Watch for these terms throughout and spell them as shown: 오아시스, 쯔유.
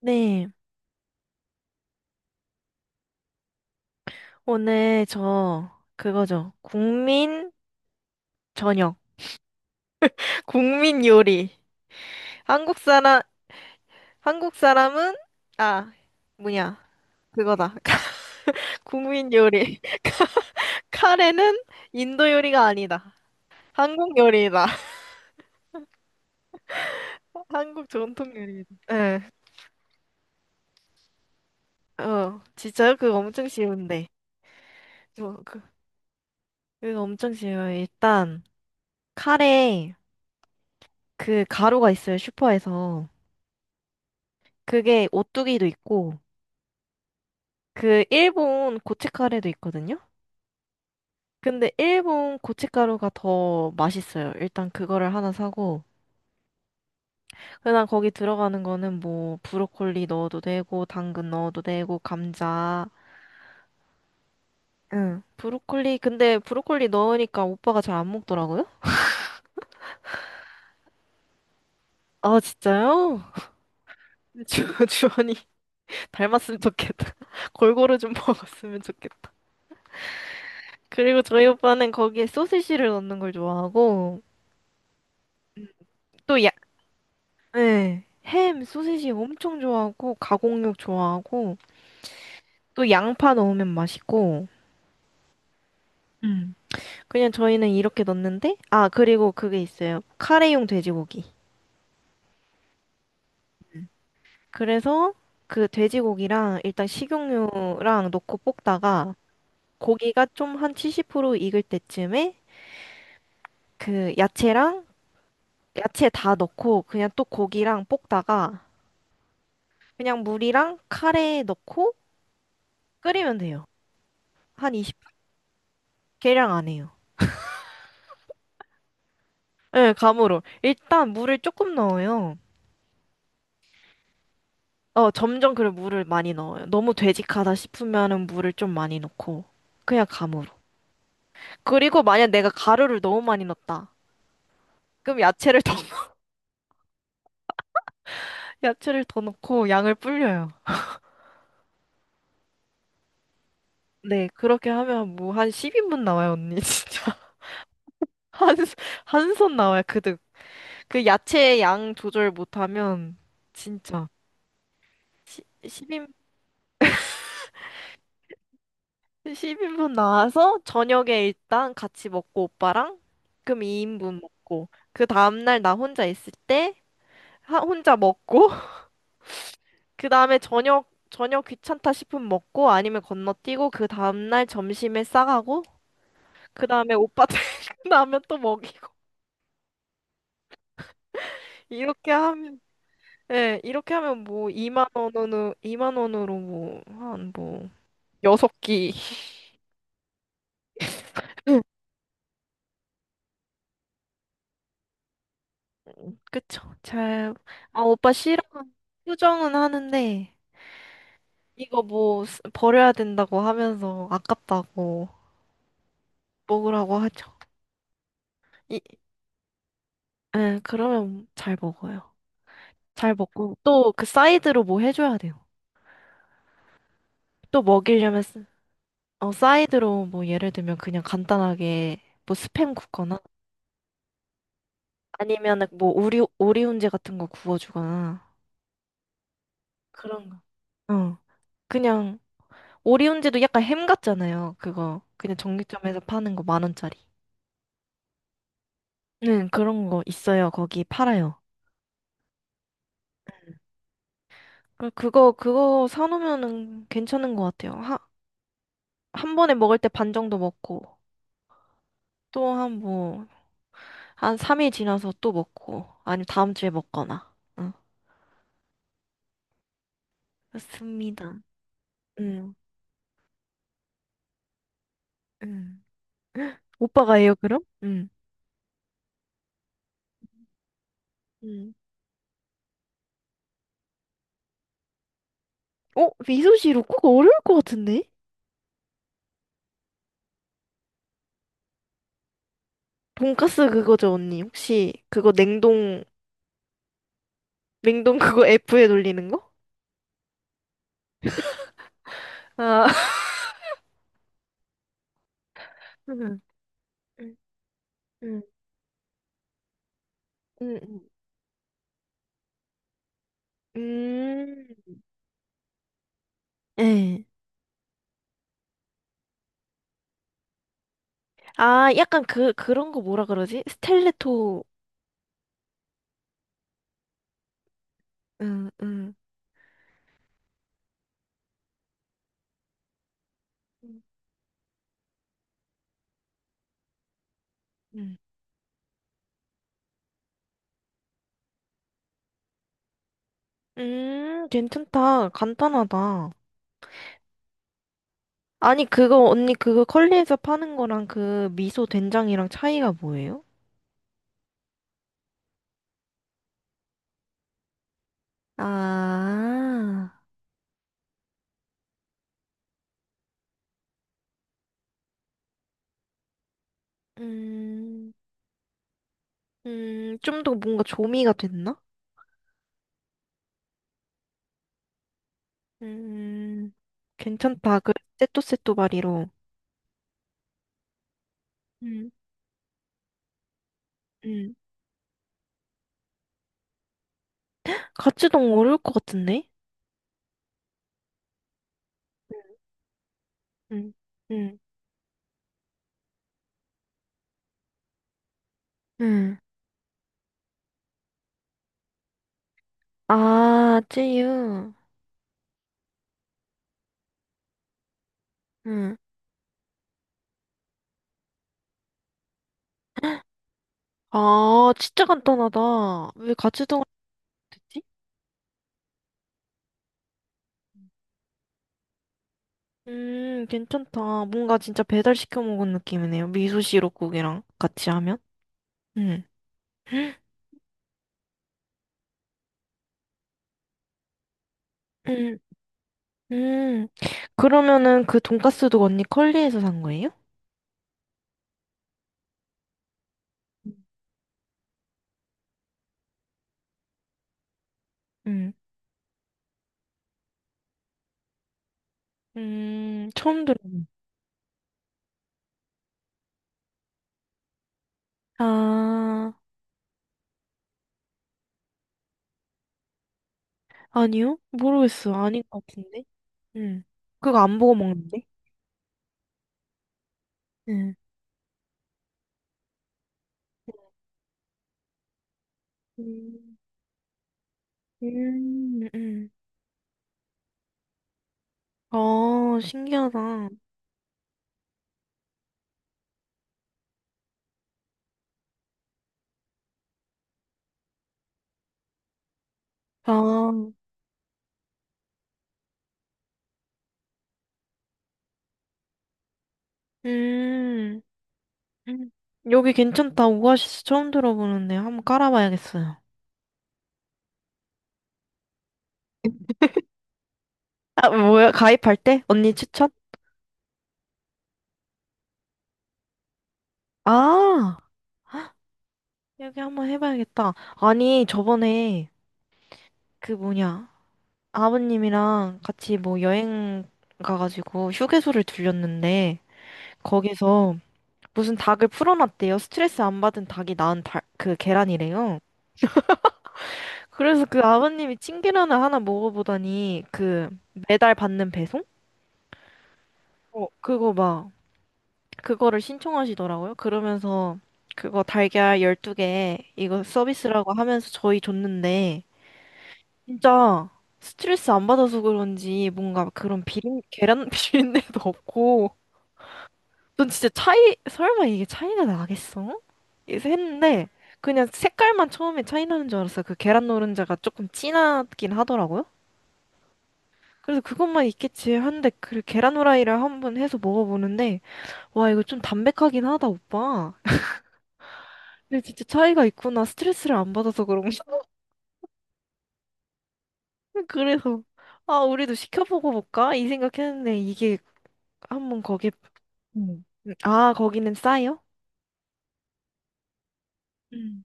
네, 오늘 그거죠. 국민 저녁, 국민 요리. 한국 사람, 한국 사람은 아, 뭐냐, 그거다. 국민 요리. 카레는 인도 요리가 아니다. 한국 요리다. 한국 전통 요리다. 예. 어, 진짜요? 그거 엄청 쉬운데. 저, 그, 그거 엄청 쉬워요. 일단, 카레, 그 가루가 있어요, 슈퍼에서. 그게 오뚜기도 있고, 그 일본 고춧가루도 있거든요. 근데 일본 고춧가루가 더 맛있어요. 일단 그거를 하나 사고, 그다음 거기 들어가는 거는 뭐 브로콜리 넣어도 되고 당근 넣어도 되고 감자. 응. 브로콜리, 근데 브로콜리 넣으니까 오빠가 잘 안 먹더라고요. 아, 진짜요? 주원이 닮았으면 좋겠다. 골고루 좀 먹었으면 좋겠다. 그리고 저희 오빠는 거기에 소시지를 넣는 걸 좋아하고, 또 네. 햄, 소시지 엄청 좋아하고, 가공육 좋아하고, 또 양파 넣으면 맛있고, 음. 그냥 저희는 이렇게 넣는데, 아, 그리고 그게 있어요. 카레용 돼지고기. 그래서 그 돼지고기랑 일단 식용유랑 넣고 볶다가, 고기가 좀 한 70% 익을 때쯤에, 그 야채랑, 야채 다 넣고, 그냥 또 고기랑 볶다가, 그냥 물이랑 카레 넣고 끓이면 돼요. 한 20분? 계량 안 해요. 네, 감으로. 일단 물을 조금 넣어요. 어, 점점 그래 물을 많이 넣어요. 너무 되직하다 싶으면은 물을 좀 많이 넣고, 그냥 감으로. 그리고 만약 내가 가루를 너무 많이 넣었다. 그럼 야채를 더 야채를 더 넣고 양을 불려요. 네, 그렇게 하면 뭐 한 10인분 나와요, 언니. 진짜. 한, 한 손 나와요, 그득. 그 야채 양 조절 못하면 진짜 10, 10인분 나와서 저녁에 일단 같이 먹고 오빠랑, 그럼 2인분 먹고, 그 다음날 나 혼자 있을 때 혼자 먹고 그 다음에 저녁 귀찮다 싶으면 먹고, 아니면 건너뛰고 그 다음날 점심에 싸가고, 그 다음에 오빠 퇴근하면 또 먹이고, 이렇게 하면, 예, 이렇게 하면 뭐 2만 원으로 뭐 한 뭐 여섯 끼. 그쵸, 잘. 아, 오빠 싫어. 수정은 하는데 이거 뭐 버려야 된다고 하면서, 아깝다고 먹으라고 하죠. 이, 예, 그러면 잘 먹어요. 잘 먹고 또 그 사이드로 뭐 해줘야 돼요. 또 먹이려면 어, 사이드로 뭐 예를 들면 그냥 간단하게 뭐 스팸 굽거나, 아니면은 뭐 오리훈제 같은 거 구워주거나, 그런 거. 어, 그냥. 오리훈제도 약간 햄 같잖아요. 그거 그냥 정육점에서 파는 거 만 원짜리. 네, 그런 거 있어요. 거기 팔아요. 그거 사놓으면은 괜찮은 것 같아요. 하, 한 번에 먹을 때 반 정도 먹고, 또 한 삼일 지나서 또 먹고, 아니면 다음 주에 먹거나. 응. 맞습니다. 응, 응. 오빠가 해요, 그럼? 응. 응. 어? 미소시루 그거 어려울 것 같은데? 돈까스 그거죠, 언니. 혹시 그거 냉동, 냉동 그거 F에 돌리는 거? 아, 음. 음. 응응 응. 음. 예. 아, 약간 그, 그런 거 뭐라 그러지? 스텔레토. 음, 음, 음. 괜찮다. 간단하다. 아니, 그거, 언니, 그거 컬리에서 파는 거랑 그 미소 된장이랑 차이가 뭐예요? 아, 음, 음. 좀 더 뭔가 조미가 됐나? 음, 괜찮다. 그, 세또세또 바리로. 음, 음. 같이 너무 어려울 것 같은데? 응, 응, 응. 아, 쯔유. 응. 아, 진짜 간단하다. 왜 같이 동못했지? 괜찮다. 뭔가 진짜 배달시켜 먹은 느낌이네요. 미소 시럽국이랑 같이 하면. 음. 음, 음. 그러면은 그 돈가스도 언니 컬리에서 산 거예요? 음. 처음 들어보네. 아, 아니요? 모르겠어. 아닌 것 같은데. 음. 그거 안 보고 먹는데? 음. 음, 음, 음. 아, 신기하다. 아, 음. 음. 여기 괜찮다. 오아시스 처음 들어보는데 한번 깔아봐야겠어요. 아, 뭐야? 가입할 때? 언니 추천? 아, 여기 한번 해봐야겠다. 아니, 저번에 그 뭐냐. 아버님이랑 같이 뭐 여행 가가지고 휴게소를 들렸는데, 거기서 무슨 닭을 풀어놨대요. 스트레스 안 받은 닭이 낳은 닭, 그 계란이래요. 그래서 그 아버님이 찐계란을 하나 먹어보다니 그 매달 받는 배송? 어, 그거 막 그거를 신청하시더라고요. 그러면서 그거 달걀 12개, 이거 서비스라고 하면서 저희 줬는데 진짜 스트레스 안 받아서 그런지 뭔가 그런 비린 계란 비린내도 없고. 전 진짜 차이, 설마 이게 차이가 나겠어? 그래서 했는데 그냥 색깔만 처음에 차이 나는 줄 알았어요. 그 계란 노른자가 조금 진하긴 하더라고요. 그래서 그것만 있겠지 한데, 그 계란 후라이를 한번 해서 먹어보는데, 와 이거 좀 담백하긴 하다, 오빠. 근데 진짜 차이가 있구나. 스트레스를 안 받아서 그런가? 그래서, 아, 우리도 시켜보고 볼까? 이 생각했는데, 이게 한번 거기에. 음. 아, 거기는 싸요? 음.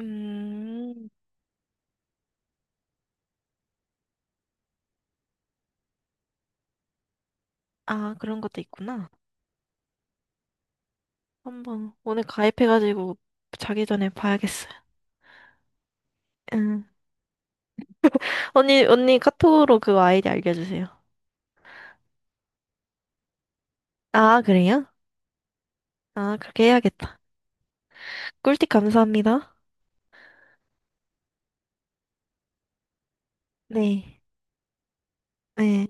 음. 아, 그런 것도 있구나. 한번 오늘 가입해가지고 자기 전에 봐야겠어요. 응. 언니, 언니 카톡으로 그 아이디 알려주세요. 아, 그래요? 아, 그렇게 해야겠다. 꿀팁 감사합니다. 네. 네.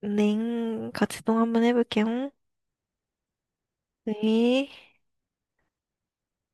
넹, 같이 동 한번 해볼게요. 네.